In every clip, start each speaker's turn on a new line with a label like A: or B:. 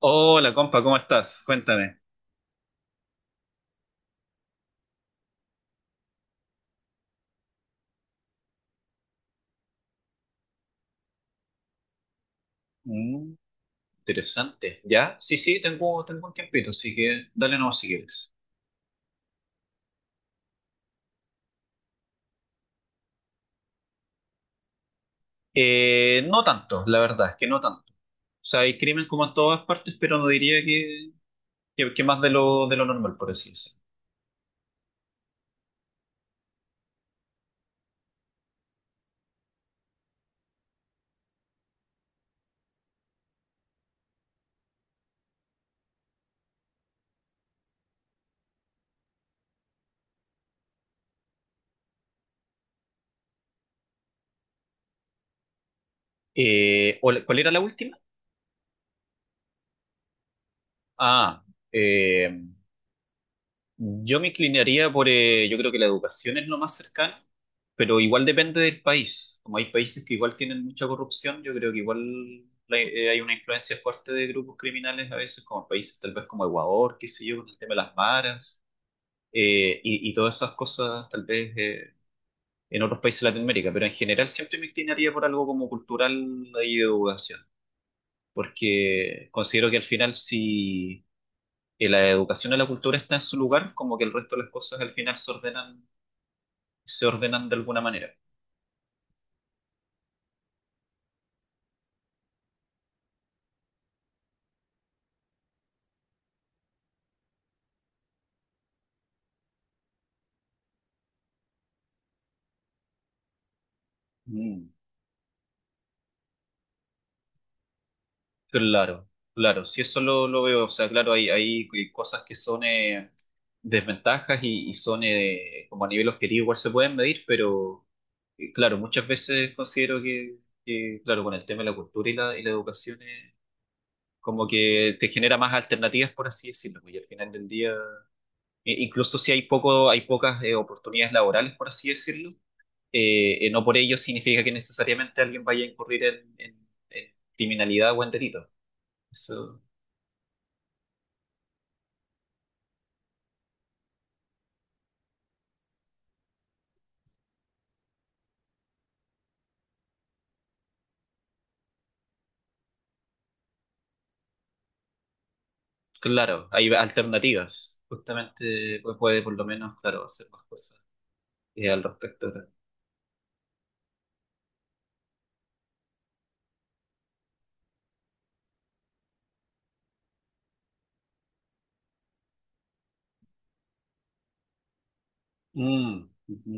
A: Hola, compa, ¿cómo estás? Cuéntame. Mm, interesante. ¿Ya? Sí, sí, tengo, tengo un tiempito, así que dale nomás si quieres. No tanto, la verdad, es que no tanto. O sea, hay crimen como en todas partes, pero no diría que, que más de lo normal, por así decirlo. ¿Cuál era la última? Ah, eh, Yo me inclinaría por, yo creo que la educación es lo más cercano, pero igual depende del país. Como hay países que igual tienen mucha corrupción, yo creo que igual hay una influencia fuerte de grupos criminales a veces, como países tal vez como Ecuador, qué sé yo, con el tema de las maras y todas esas cosas tal vez, en otros países de Latinoamérica, pero en general siempre me inclinaría por algo como cultural y de educación, porque considero que al final si y la educación y la cultura está en su lugar, como que el resto de las cosas al final se ordenan de alguna manera. Mm. Claro, claro, si eso lo veo, o sea, claro, hay cosas que son desventajas y son como a nivel objetivo igual se pueden medir, pero claro, muchas veces considero que, claro, con el tema de la cultura y la educación, como que te genera más alternativas, por así decirlo, y al final del día incluso si hay poco, hay pocas oportunidades laborales, por así decirlo, no por ello significa que necesariamente alguien vaya a incurrir en, en criminalidad o en delito. Eso, claro, hay alternativas. Justamente pues, puede por lo menos, claro, hacer más cosas al respecto. Mm, ujú.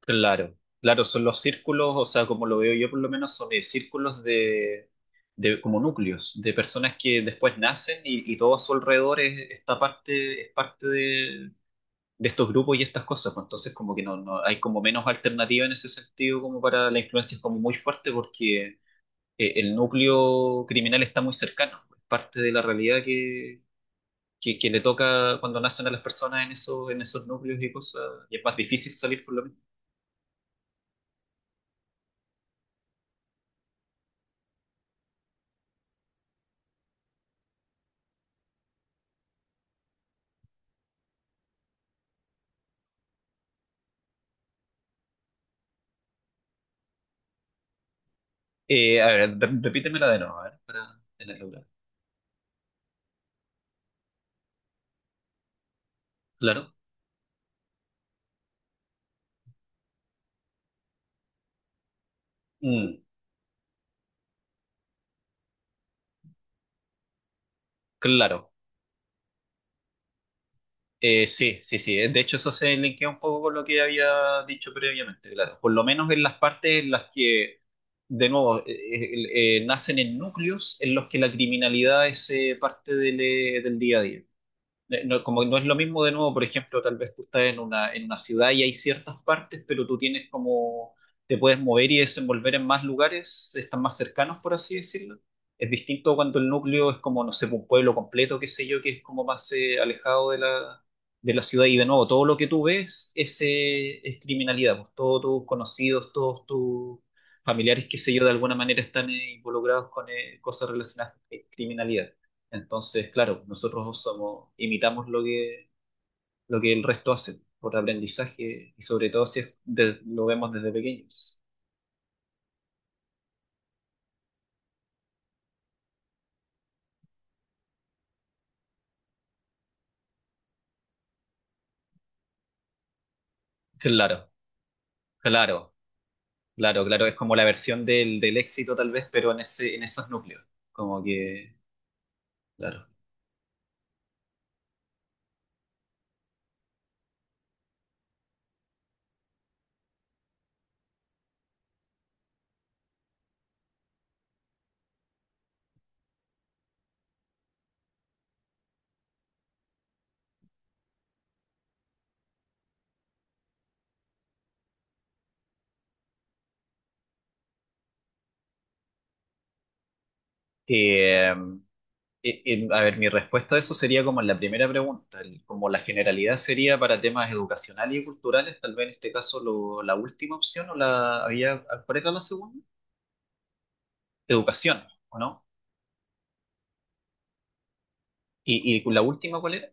A: Claro, claro, son los círculos, o sea, como lo veo yo por lo menos, son círculos de como núcleos, de personas que después nacen y todo a su alrededor es, esta parte, es parte de estos grupos y estas cosas, pues entonces como que no, no hay como menos alternativa en ese sentido como para la influencia es como muy fuerte porque el núcleo criminal está muy cercano, es parte de la realidad que, que le toca cuando nacen a las personas en esos núcleos y cosas, y es más difícil salir por lo menos. A ver, repítemela de nuevo, a ver, para tenerla clara. Claro. Mm, claro. Sí, sí, sí. De hecho, eso se linkea un poco con lo que había dicho previamente, claro. Por lo menos en las partes en las que, de nuevo, nacen en núcleos en los que la criminalidad es parte del, del día a día, no, como no es lo mismo de nuevo, por ejemplo, tal vez tú estás en una ciudad y hay ciertas partes, pero tú tienes como, te puedes mover y desenvolver en más lugares, están más cercanos, por así decirlo. Es distinto cuando el núcleo es como, no sé, un pueblo completo, qué sé yo, que es como más alejado de la ciudad. Y de nuevo, todo lo que tú ves es criminalidad, pues todos tus conocidos, todos tus familiares, qué sé yo, de alguna manera están involucrados con cosas relacionadas con criminalidad. Entonces, claro, nosotros somos, imitamos lo que el resto hace por aprendizaje y sobre todo si es lo vemos desde pequeños. Claro, claro, claro, claro. Es como la versión del, del éxito tal vez, pero en ese, en esos núcleos. Como que, claro. Eh, eh, a ver, mi respuesta a eso sería como en la primera pregunta, como la generalidad sería para temas educacionales y culturales, tal vez en este caso la última opción o la había, ¿cuál era la segunda? Educación, ¿o no? Y la última, ¿cuál era?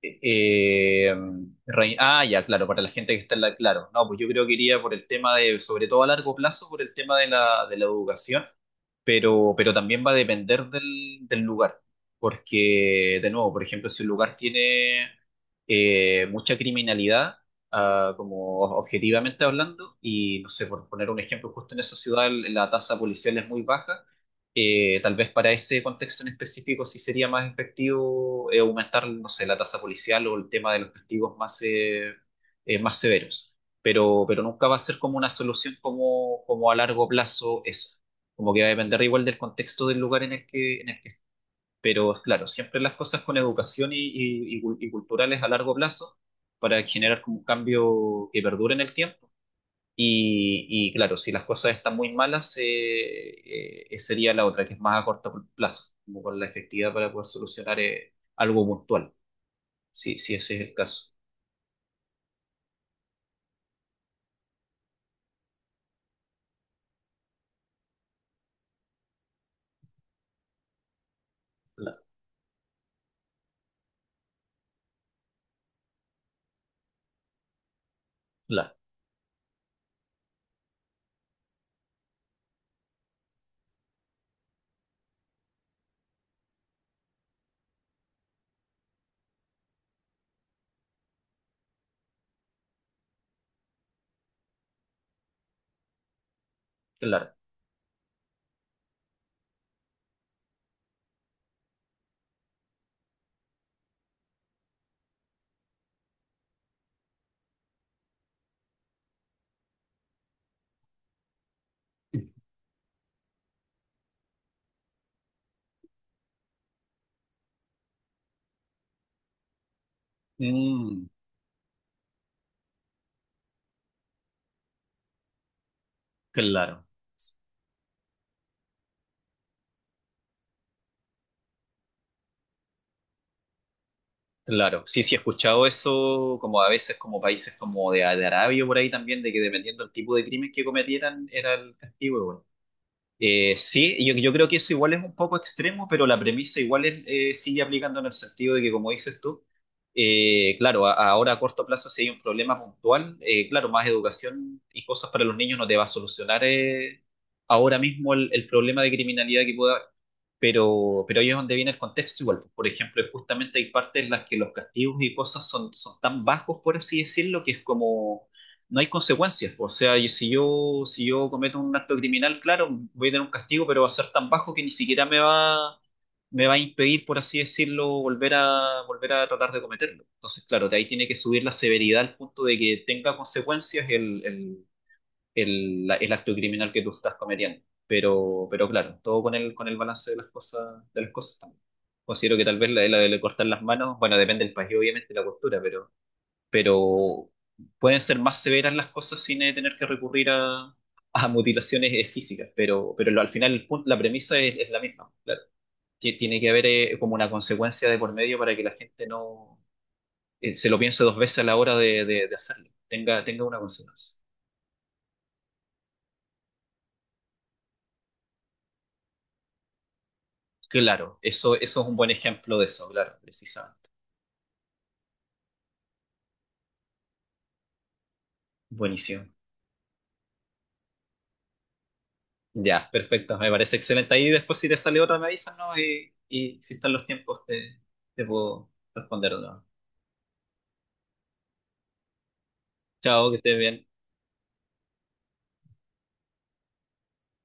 A: Eh, ya, claro, para la gente que está en la... Claro, no, pues yo creo que iría por el tema de, sobre todo a largo plazo, por el tema de la educación, pero también va a depender del, del lugar, porque, de nuevo, por ejemplo, si un lugar tiene mucha criminalidad, ah, como objetivamente hablando, y no sé, por poner un ejemplo, justo en esa ciudad la tasa policial es muy baja, tal vez para ese contexto en específico sí sería más efectivo aumentar, no sé, la tasa policial o el tema de los castigos más, más severos. Pero nunca va a ser como una solución como, como a largo plazo eso. Como que va a depender igual del contexto del lugar en el que... Pero claro, siempre las cosas con educación y, y culturales a largo plazo para generar como un cambio que perdure en el tiempo y claro, si las cosas están muy malas, sería la otra, que es más a corto plazo, como con la efectividad para poder solucionar algo puntual, si, si ese es el caso. Claro, claro, claro. Mm, claro. Claro, sí, sí, he escuchado eso, como a veces como países como de Arabia por ahí también, de que dependiendo del tipo de crimen que cometieran era el castigo. Sí, yo creo que eso igual es un poco extremo, pero la premisa igual es, sigue aplicando en el sentido de que, como dices tú, claro, ahora a corto plazo si hay un problema puntual, claro, más educación y cosas para los niños no te va a solucionar ahora mismo el problema de criminalidad que pueda haber, pero ahí es donde viene el contexto igual. Pues, por ejemplo, justamente hay partes en las que los castigos y cosas son, son tan bajos, por así decirlo, que es como no hay consecuencias. O sea, y si yo, si yo cometo un acto criminal, claro, voy a tener un castigo, pero va a ser tan bajo que ni siquiera me va a impedir, por así decirlo, volver a, volver a tratar de cometerlo. Entonces, claro, de ahí tiene que subir la severidad al punto de que tenga consecuencias el, el acto criminal que tú estás cometiendo. Pero claro, todo con el balance de las cosas también. Considero que tal vez la, la de cortar las manos, bueno, depende del país, obviamente, la cultura, pero pueden ser más severas las cosas sin tener que recurrir a mutilaciones físicas, pero al final el punto, la premisa es la misma, claro. Tiene que haber, como una consecuencia de por medio para que la gente no se lo piense dos veces a la hora de, de hacerlo, tenga, tenga una consecuencia. Claro, eso es un buen ejemplo de eso, claro, precisamente. Buenísimo. Ya, perfecto, me parece excelente. Ahí después si te sale otra me avisas, ¿no? Y si están los tiempos te, te puedo responder, ¿no? Chao, que estés bien.